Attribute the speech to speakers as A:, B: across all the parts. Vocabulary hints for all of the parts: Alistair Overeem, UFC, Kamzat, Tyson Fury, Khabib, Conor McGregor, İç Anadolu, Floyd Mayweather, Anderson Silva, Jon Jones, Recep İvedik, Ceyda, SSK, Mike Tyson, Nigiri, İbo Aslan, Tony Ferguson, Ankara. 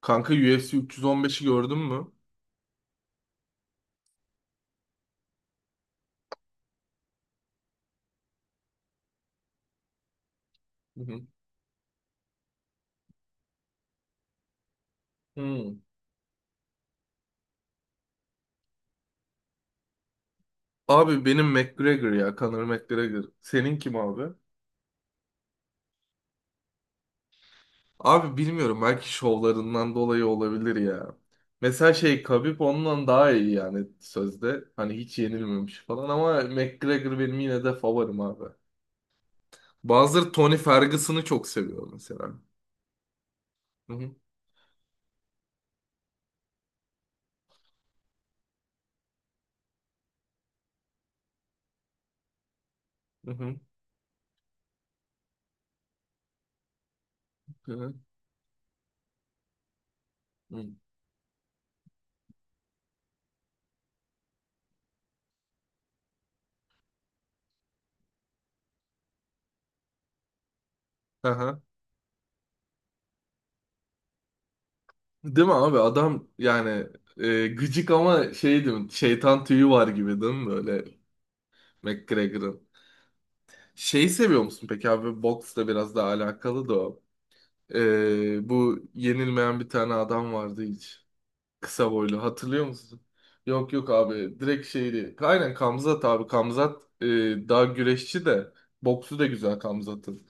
A: Kanka UFC 315'i gördün mü? Hı hı. Hmm. Abi benim McGregor ya Conor McGregor. Senin kim abi? Abi bilmiyorum belki şovlarından dolayı olabilir ya. Mesela şey Khabib ondan daha iyi yani sözde. Hani hiç yenilmemiş falan ama McGregor benim yine de favorim abi. Bazıları Tony Ferguson'ı çok seviyor mesela. Hı hı. Hı hı. Hı hı. Hı. Aha. Değil mi abi adam yani, gıcık ama şey değil mi? Şeytan tüyü var gibi değil mi böyle? McGregor'ın. Şeyi seviyor musun peki abi? Boksla biraz daha alakalı da o. Bu yenilmeyen bir tane adam vardı hiç. Kısa boylu. Hatırlıyor musun? Yok yok abi. Direkt şeydi. Aynen Kamzat abi. Kamzat, daha güreşçi de. Boksu da güzel Kamzat'ın.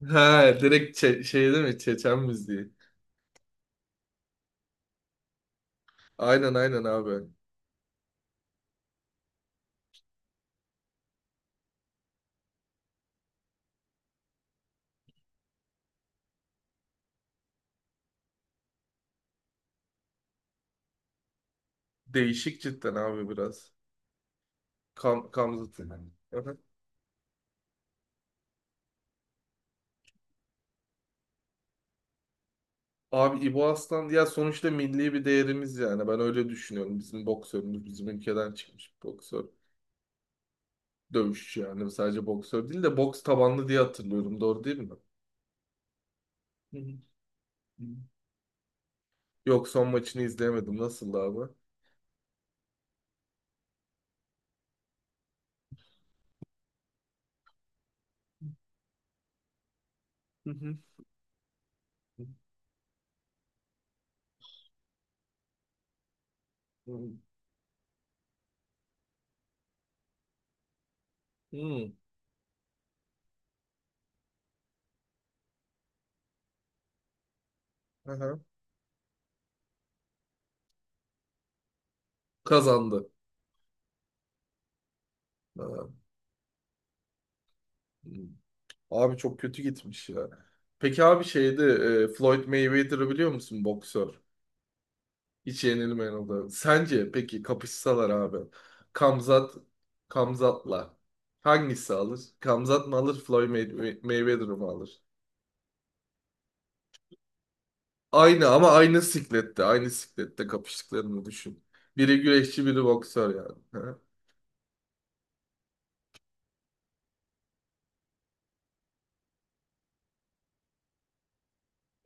A: He direkt şey değil mi? Çeçen müziği. Aynen aynen abi. Değişik cidden abi biraz. Kamzat'ın. Abi İbo Aslan ya sonuçta milli bir değerimiz yani. Ben öyle düşünüyorum. Bizim boksörümüz bizim ülkeden çıkmış bir boksör. Dövüşçü yani sadece boksör değil de boks tabanlı diye hatırlıyorum. Doğru değil mi? Hı hı. Yok son maçını izleyemedim. Nasıldı abi? Hı hı. Hmm. Hmm. Aha. Kazandı. Aha. Hmm. Abi çok kötü gitmiş ya. Peki abi şeydi, Floyd Mayweather'ı biliyor musun boksör? Hiç yenilmeyen oldu. Sence peki kapışsalar abi. Kamzat Kamzat'la hangisi alır? Kamzat mı alır? Floyd Mayweather mı alır? Aynı ama aynı siklette. Aynı siklette kapıştıklarını düşün. Biri güreşçi biri boksör yani. Ha?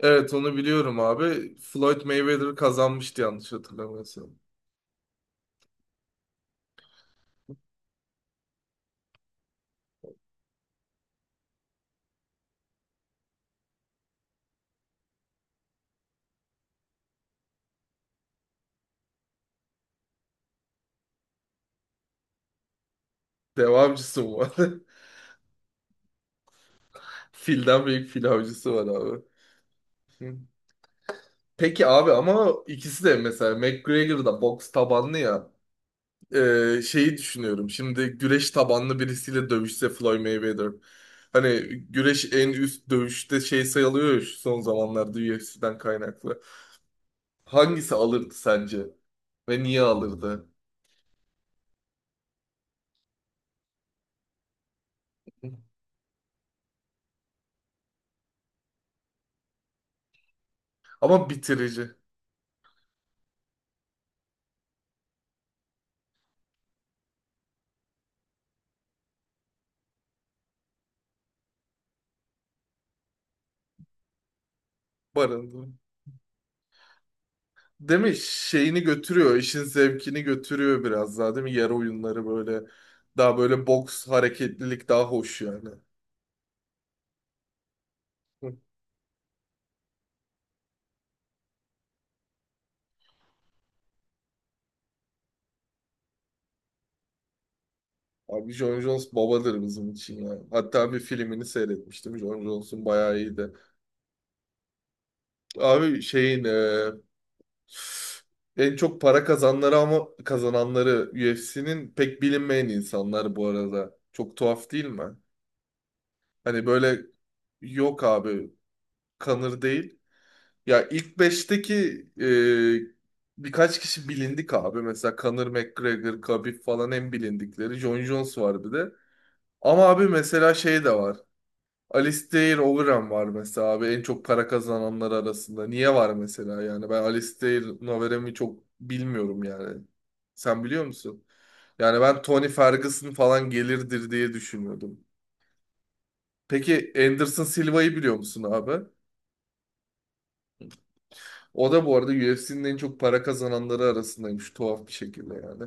A: Evet onu biliyorum abi. Floyd Mayweather kazanmıştı yanlış hatırlamıyorsam. Dev avcısı mı var? Filden büyük fil avcısı var abi. Peki abi ama ikisi de mesela McGregor da boks tabanlı ya. Şeyi düşünüyorum. Şimdi güreş tabanlı birisiyle dövüşse Floyd Mayweather. Hani güreş en üst dövüşte şey sayılıyor ya şu son zamanlarda UFC'den kaynaklı. Hangisi alırdı sence? Ve niye alırdı? Ama bitirici. Barındı. Değil mi? Şeyini götürüyor. İşin zevkini götürüyor biraz daha değil mi? Yer oyunları böyle. Daha böyle boks hareketlilik daha hoş yani. Hı. Abi Jon Jones babadır bizim için yani. Hatta bir filmini seyretmiştim. Jon Jones'un bayağı iyiydi. Abi şeyin, en çok para kazanları ama kazananları UFC'nin pek bilinmeyen insanlar bu arada. Çok tuhaf değil mi? Hani böyle yok abi kanır değil. Ya ilk beşteki, birkaç kişi bilindik abi. Mesela Conor McGregor, Khabib falan en bilindikleri. Jon Jones var bir de. Ama abi mesela şey de var. Alistair Overeem var mesela abi en çok para kazananlar arasında. Niye var mesela yani? Ben Alistair Overeem'i çok bilmiyorum yani. Sen biliyor musun? Yani ben Tony Ferguson falan gelirdir diye düşünüyordum. Peki Anderson Silva'yı biliyor musun abi? O da bu arada UFC'nin en çok para kazananları arasındaymış tuhaf bir şekilde yani.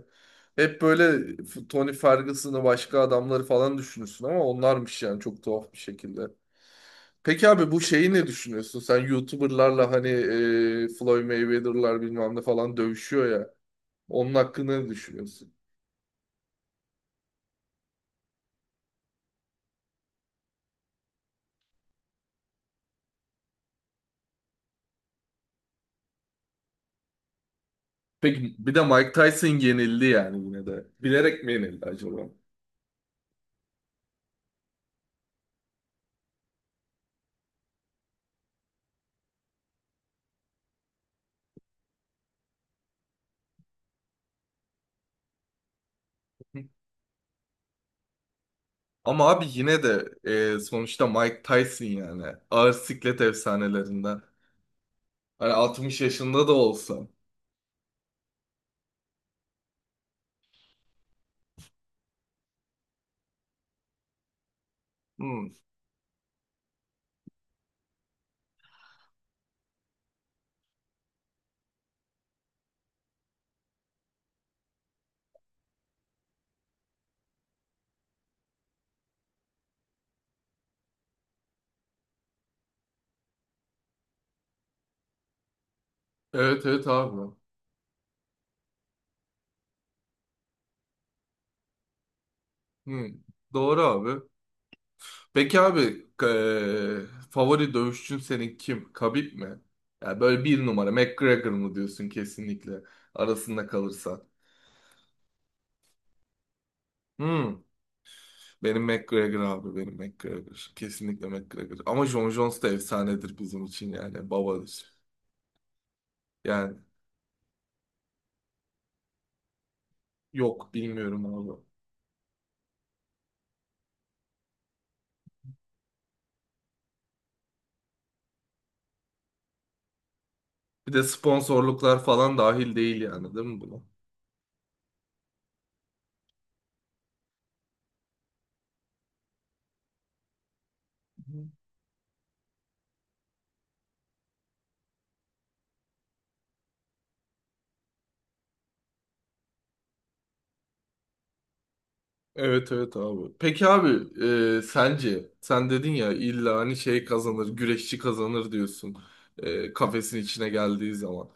A: Hep böyle Tony Ferguson'ı başka adamları falan düşünürsün ama onlarmış yani çok tuhaf bir şekilde. Peki abi bu şeyi ne düşünüyorsun? Sen YouTuber'larla hani, Floyd Mayweather'lar bilmem ne falan dövüşüyor ya. Onun hakkında ne düşünüyorsun? Peki bir de Mike Tyson yenildi yani yine de. Bilerek mi yenildi acaba? Ama abi yine de, sonuçta Mike Tyson yani. Ağır siklet efsanelerinden. Hani 60 yaşında da olsa. Hmm. Evet evet abi. Hmm. Doğru abi. Peki abi favori dövüşçün senin kim? Khabib mi? Yani böyle bir numara McGregor mu diyorsun kesinlikle arasında kalırsa. Hmm, benim McGregor abi benim McGregor. Kesinlikle McGregor. Ama Jon Jones da efsanedir bizim için yani babadır. Yani yok bilmiyorum abi. Bir de sponsorluklar falan dahil değil yani değil mi buna? Evet evet abi. Peki abi, sence sen dedin ya illa hani şey kazanır güreşçi kazanır diyorsun, kafesin içine geldiği zaman.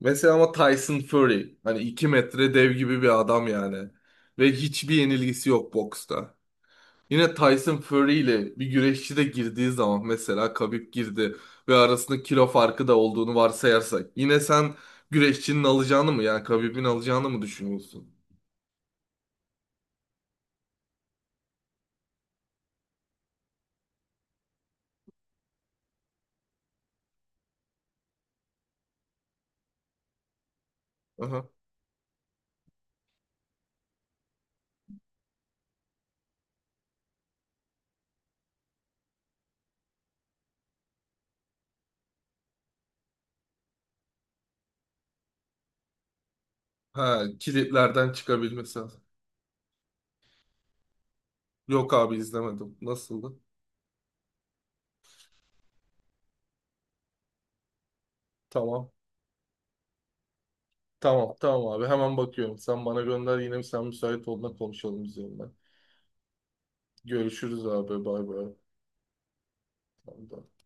A: Mesela ama Tyson Fury hani 2 metre dev gibi bir adam yani ve hiçbir yenilgisi yok boksta. Yine Tyson Fury ile bir güreşçi de girdiği zaman mesela Khabib girdi ve arasında kilo farkı da olduğunu varsayarsak yine sen güreşçinin alacağını mı yani Khabib'in alacağını mı düşünüyorsun? Aha. Ha, kilitlerden çıkabilmesi lazım. Yok abi izlemedim. Nasıldı? Tamam. Tamam tamam abi hemen bakıyorum. Sen bana gönder yine sen müsait olduğunda konuşalım üzerine. Görüşürüz abi bay bay. Tamam, tamam.